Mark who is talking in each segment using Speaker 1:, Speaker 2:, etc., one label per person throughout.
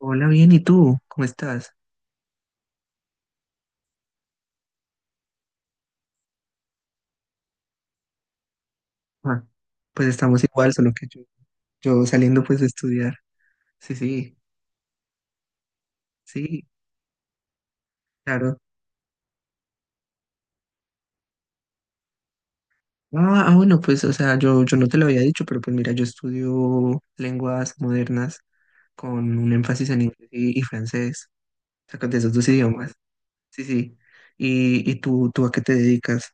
Speaker 1: Hola, bien, ¿y tú? ¿Cómo estás? Ah, pues estamos igual, solo que yo saliendo pues de estudiar. Sí, sí, sí, claro. Ah, ah, bueno, pues, o sea, yo no te lo había dicho, pero pues mira, yo estudio lenguas modernas con un énfasis en inglés y francés, o sea, con de esos dos idiomas. Sí, sí. ¿Y tú a qué te dedicas?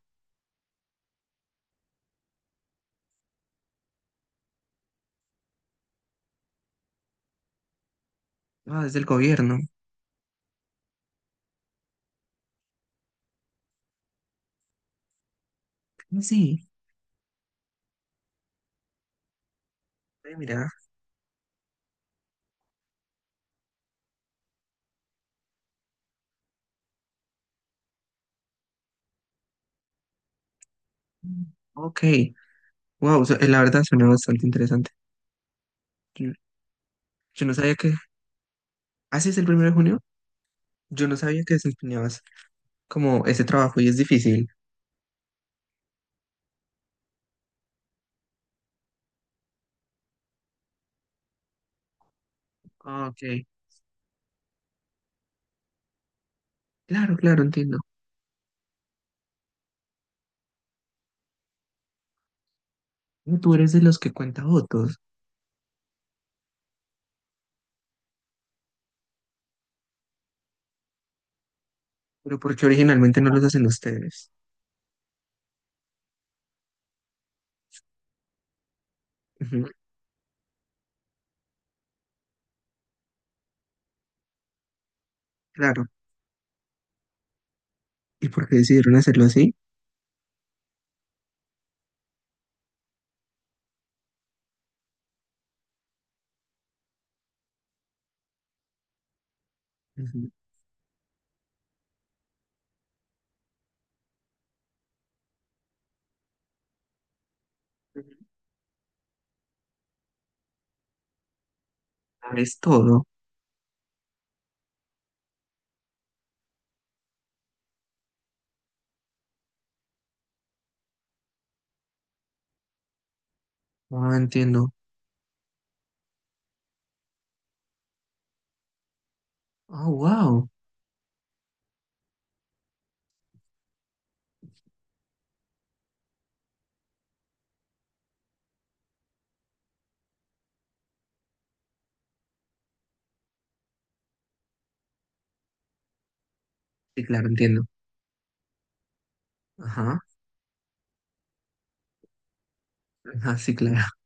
Speaker 1: Ah, es del gobierno. Ah, sí, mira. Mm, ok, wow, o sea, la verdad suena bastante interesante. Yo, yo no sabía que... ¿Ah, sí es el primero de junio? Yo no sabía que desempeñabas como ese trabajo y es difícil. Ah, ok. Claro, claro, entiendo. Ah, tú eres de los que cuenta votos, pero ¿por qué originalmente no los hacen ustedes? Ujú, claro. ¿Y por qué decidieron hacerlo así? Ujú. Ah, es todo. Ah, entiendo. Ah, wow. Sí, claro, entiendo. Ajá. Ajá, sí, claro.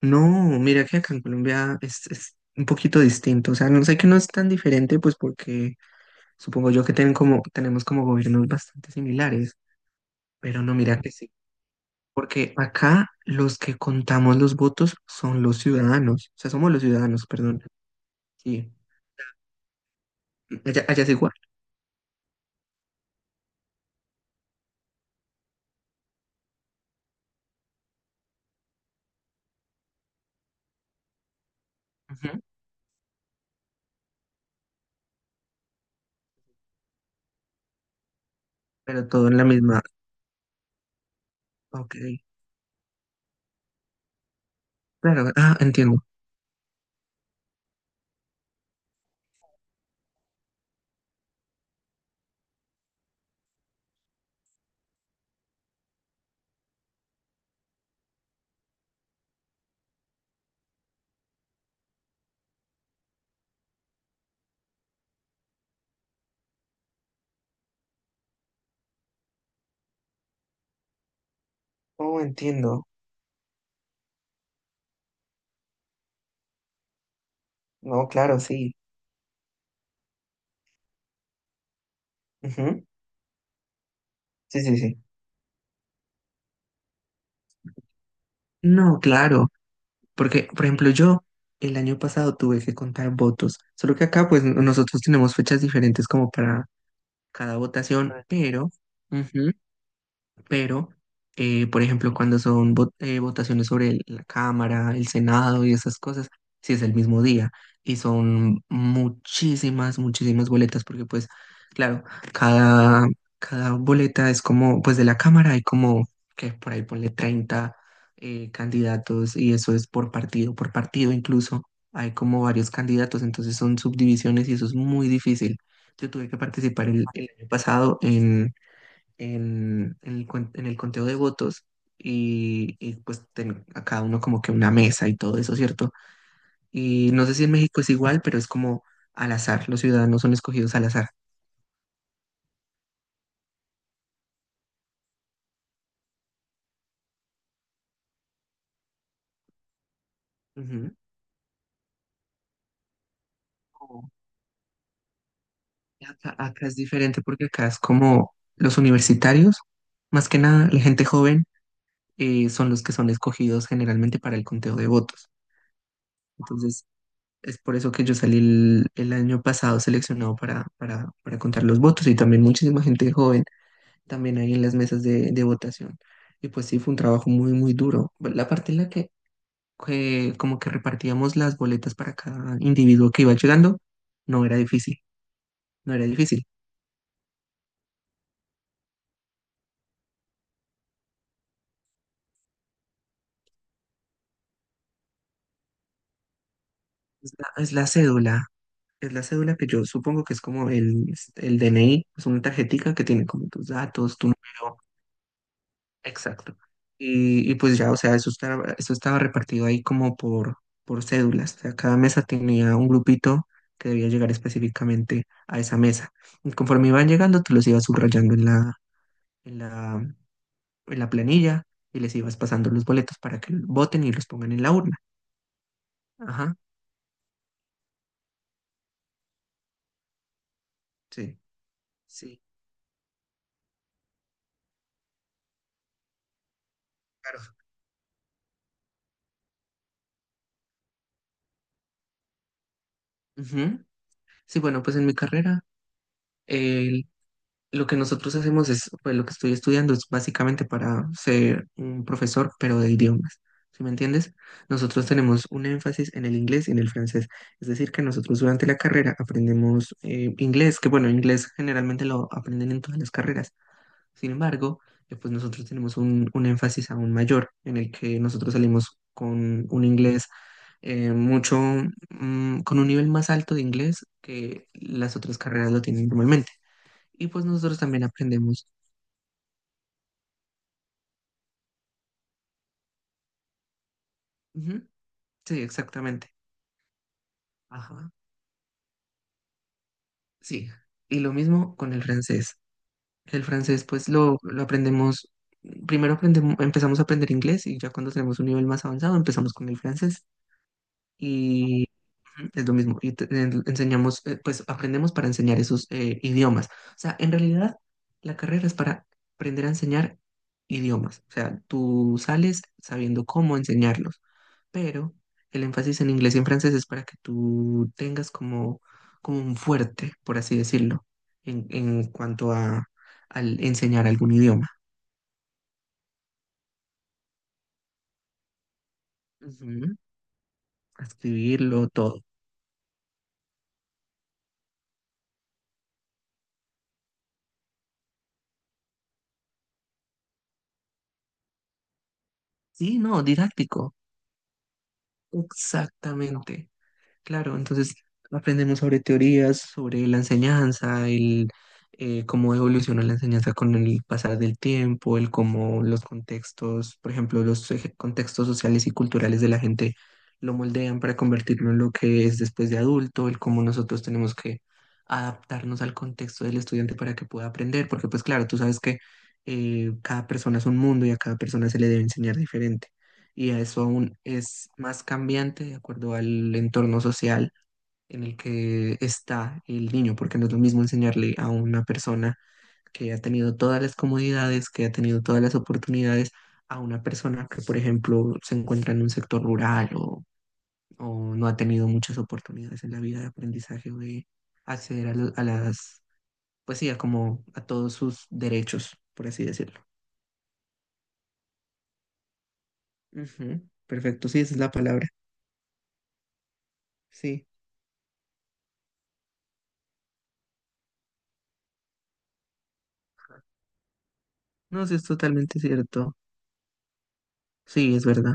Speaker 1: No, mira que acá en Colombia es un poquito distinto. O sea, no sé que no es tan diferente, pues porque supongo yo que tenemos como gobiernos bastante similares. Pero no, mira que sí. Porque acá los que contamos los votos son los ciudadanos, o sea, somos los ciudadanos, perdón. Sí, allá es igual. Ujú. Pero todo en la misma. Ok, claro, ah, entiendo. Oh, entiendo. No, claro, sí. Ujú. Sí, sí, sí. No, claro, porque, por ejemplo, yo el año pasado tuve que contar votos, solo que acá, pues, nosotros tenemos fechas diferentes como para cada votación, pero ujú, pero, por ejemplo, cuando son votaciones sobre el- la Cámara, el Senado y esas cosas, sí es el mismo día y son muchísimas, muchísimas boletas, porque pues, claro, cada, cada boleta es como, pues de la Cámara hay como, que por ahí ponle 30 candidatos y eso es por partido incluso. Hay como varios candidatos, entonces son subdivisiones y eso es muy difícil. Yo tuve que participar el año pasado en el conteo de votos y, pues a cada uno como que una mesa y todo eso, ¿cierto? Y no sé si en México es igual, pero es como al azar, los ciudadanos son escogidos al azar. Ujú. Como acá es diferente porque acá es como los universitarios, más que nada la gente joven, son los que son escogidos generalmente para el conteo de votos. Entonces, es por eso que yo salí el año pasado seleccionado para contar los votos y también muchísima gente joven también ahí en las mesas de votación. Y pues sí, fue un trabajo muy, muy duro. La parte en la que como que repartíamos las boletas para cada individuo que iba llegando, no era difícil, no era difícil. Es la, es la cédula, es la cédula que yo supongo que es como el DNI, es una tarjetica que tiene como tus datos, tu número. Exacto. Y pues ya, o sea, eso estaba repartido ahí como por cédulas. O sea, cada mesa tenía un grupito que debía llegar específicamente a esa mesa. Y conforme iban llegando, tú los ibas subrayando en la, en la planilla y les ibas pasando los boletos para que voten y los pongan en la urna. Ajá, sí, sí, claro. Ujú. Sí, bueno, pues en mi carrera, eh, Lo que nosotros hacemos es, pues lo que estoy estudiando es básicamente para ser un profesor, pero de idiomas. ¿Sí me entiendes? Nosotros tenemos un énfasis en el inglés y en el francés. Es decir, que nosotros durante la carrera aprendemos inglés, que bueno, inglés generalmente lo aprenden en todas las carreras. Sin embargo, pues nosotros tenemos un énfasis aún mayor en el que nosotros salimos con un inglés mucho, con un nivel más alto de inglés que las otras carreras lo tienen normalmente. Y pues nosotros también aprendemos. Ujú, sí, exactamente. Ajá. Sí. Y lo mismo con el francés. El francés, pues lo aprendemos, primero aprendemos, empezamos a aprender inglés y ya cuando tenemos un nivel más avanzado empezamos con el francés. Y ujú, es lo mismo. Y enseñamos, pues aprendemos para enseñar esos idiomas. O sea, en realidad la carrera es para aprender a enseñar idiomas. O sea, tú sales sabiendo cómo enseñarlos, pero el énfasis en inglés y en francés es para que tú tengas como un fuerte, por así decirlo, en cuanto a al enseñar algún idioma. Ujú, a escribirlo, todo. Sí, no, didáctico. Exactamente. Claro, entonces aprendemos sobre teorías, sobre la enseñanza, el cómo evoluciona la enseñanza con el pasar del tiempo, el cómo los contextos, por ejemplo, los contextos sociales y culturales de la gente lo moldean para convertirlo en lo que es después de adulto, el cómo nosotros tenemos que adaptarnos al contexto del estudiante para que pueda aprender, porque pues claro, tú sabes que cada persona es un mundo y a cada persona se le debe enseñar diferente y eso aún es más cambiante de acuerdo al entorno social en el que está el niño, porque no es lo mismo enseñarle a una persona que ha tenido todas las comodidades, que ha tenido todas las oportunidades, a una persona que, por ejemplo, se encuentra en un sector rural o no ha tenido muchas oportunidades en la vida de aprendizaje o de acceder a las, pues sí, a como a todos sus derechos, por así decirlo. Ujú, perfecto, sí, esa es la palabra. Sí, no, sí, es totalmente cierto. Sí, es verdad.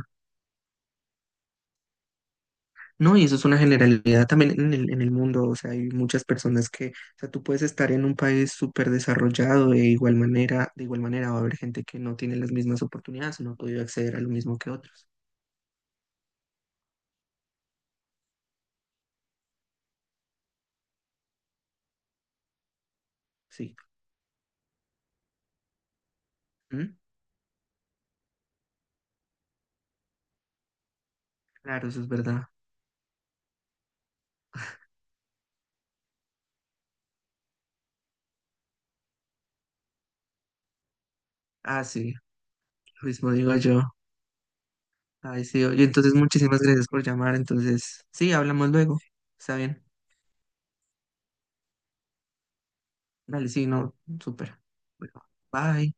Speaker 1: No, y eso es una generalidad también en el mundo. O sea, hay muchas personas que, o sea, tú puedes estar en un país súper desarrollado de igual manera va a haber gente que no tiene las mismas oportunidades o no ha podido acceder a lo mismo que otros. Sí. ¿Mm? Claro, eso es verdad. Ah, sí, lo mismo digo yo. Ay, sí, oye, entonces muchísimas gracias por llamar. Entonces, sí, hablamos luego. Está bien. Dale, sí, no, súper. Bueno, bye.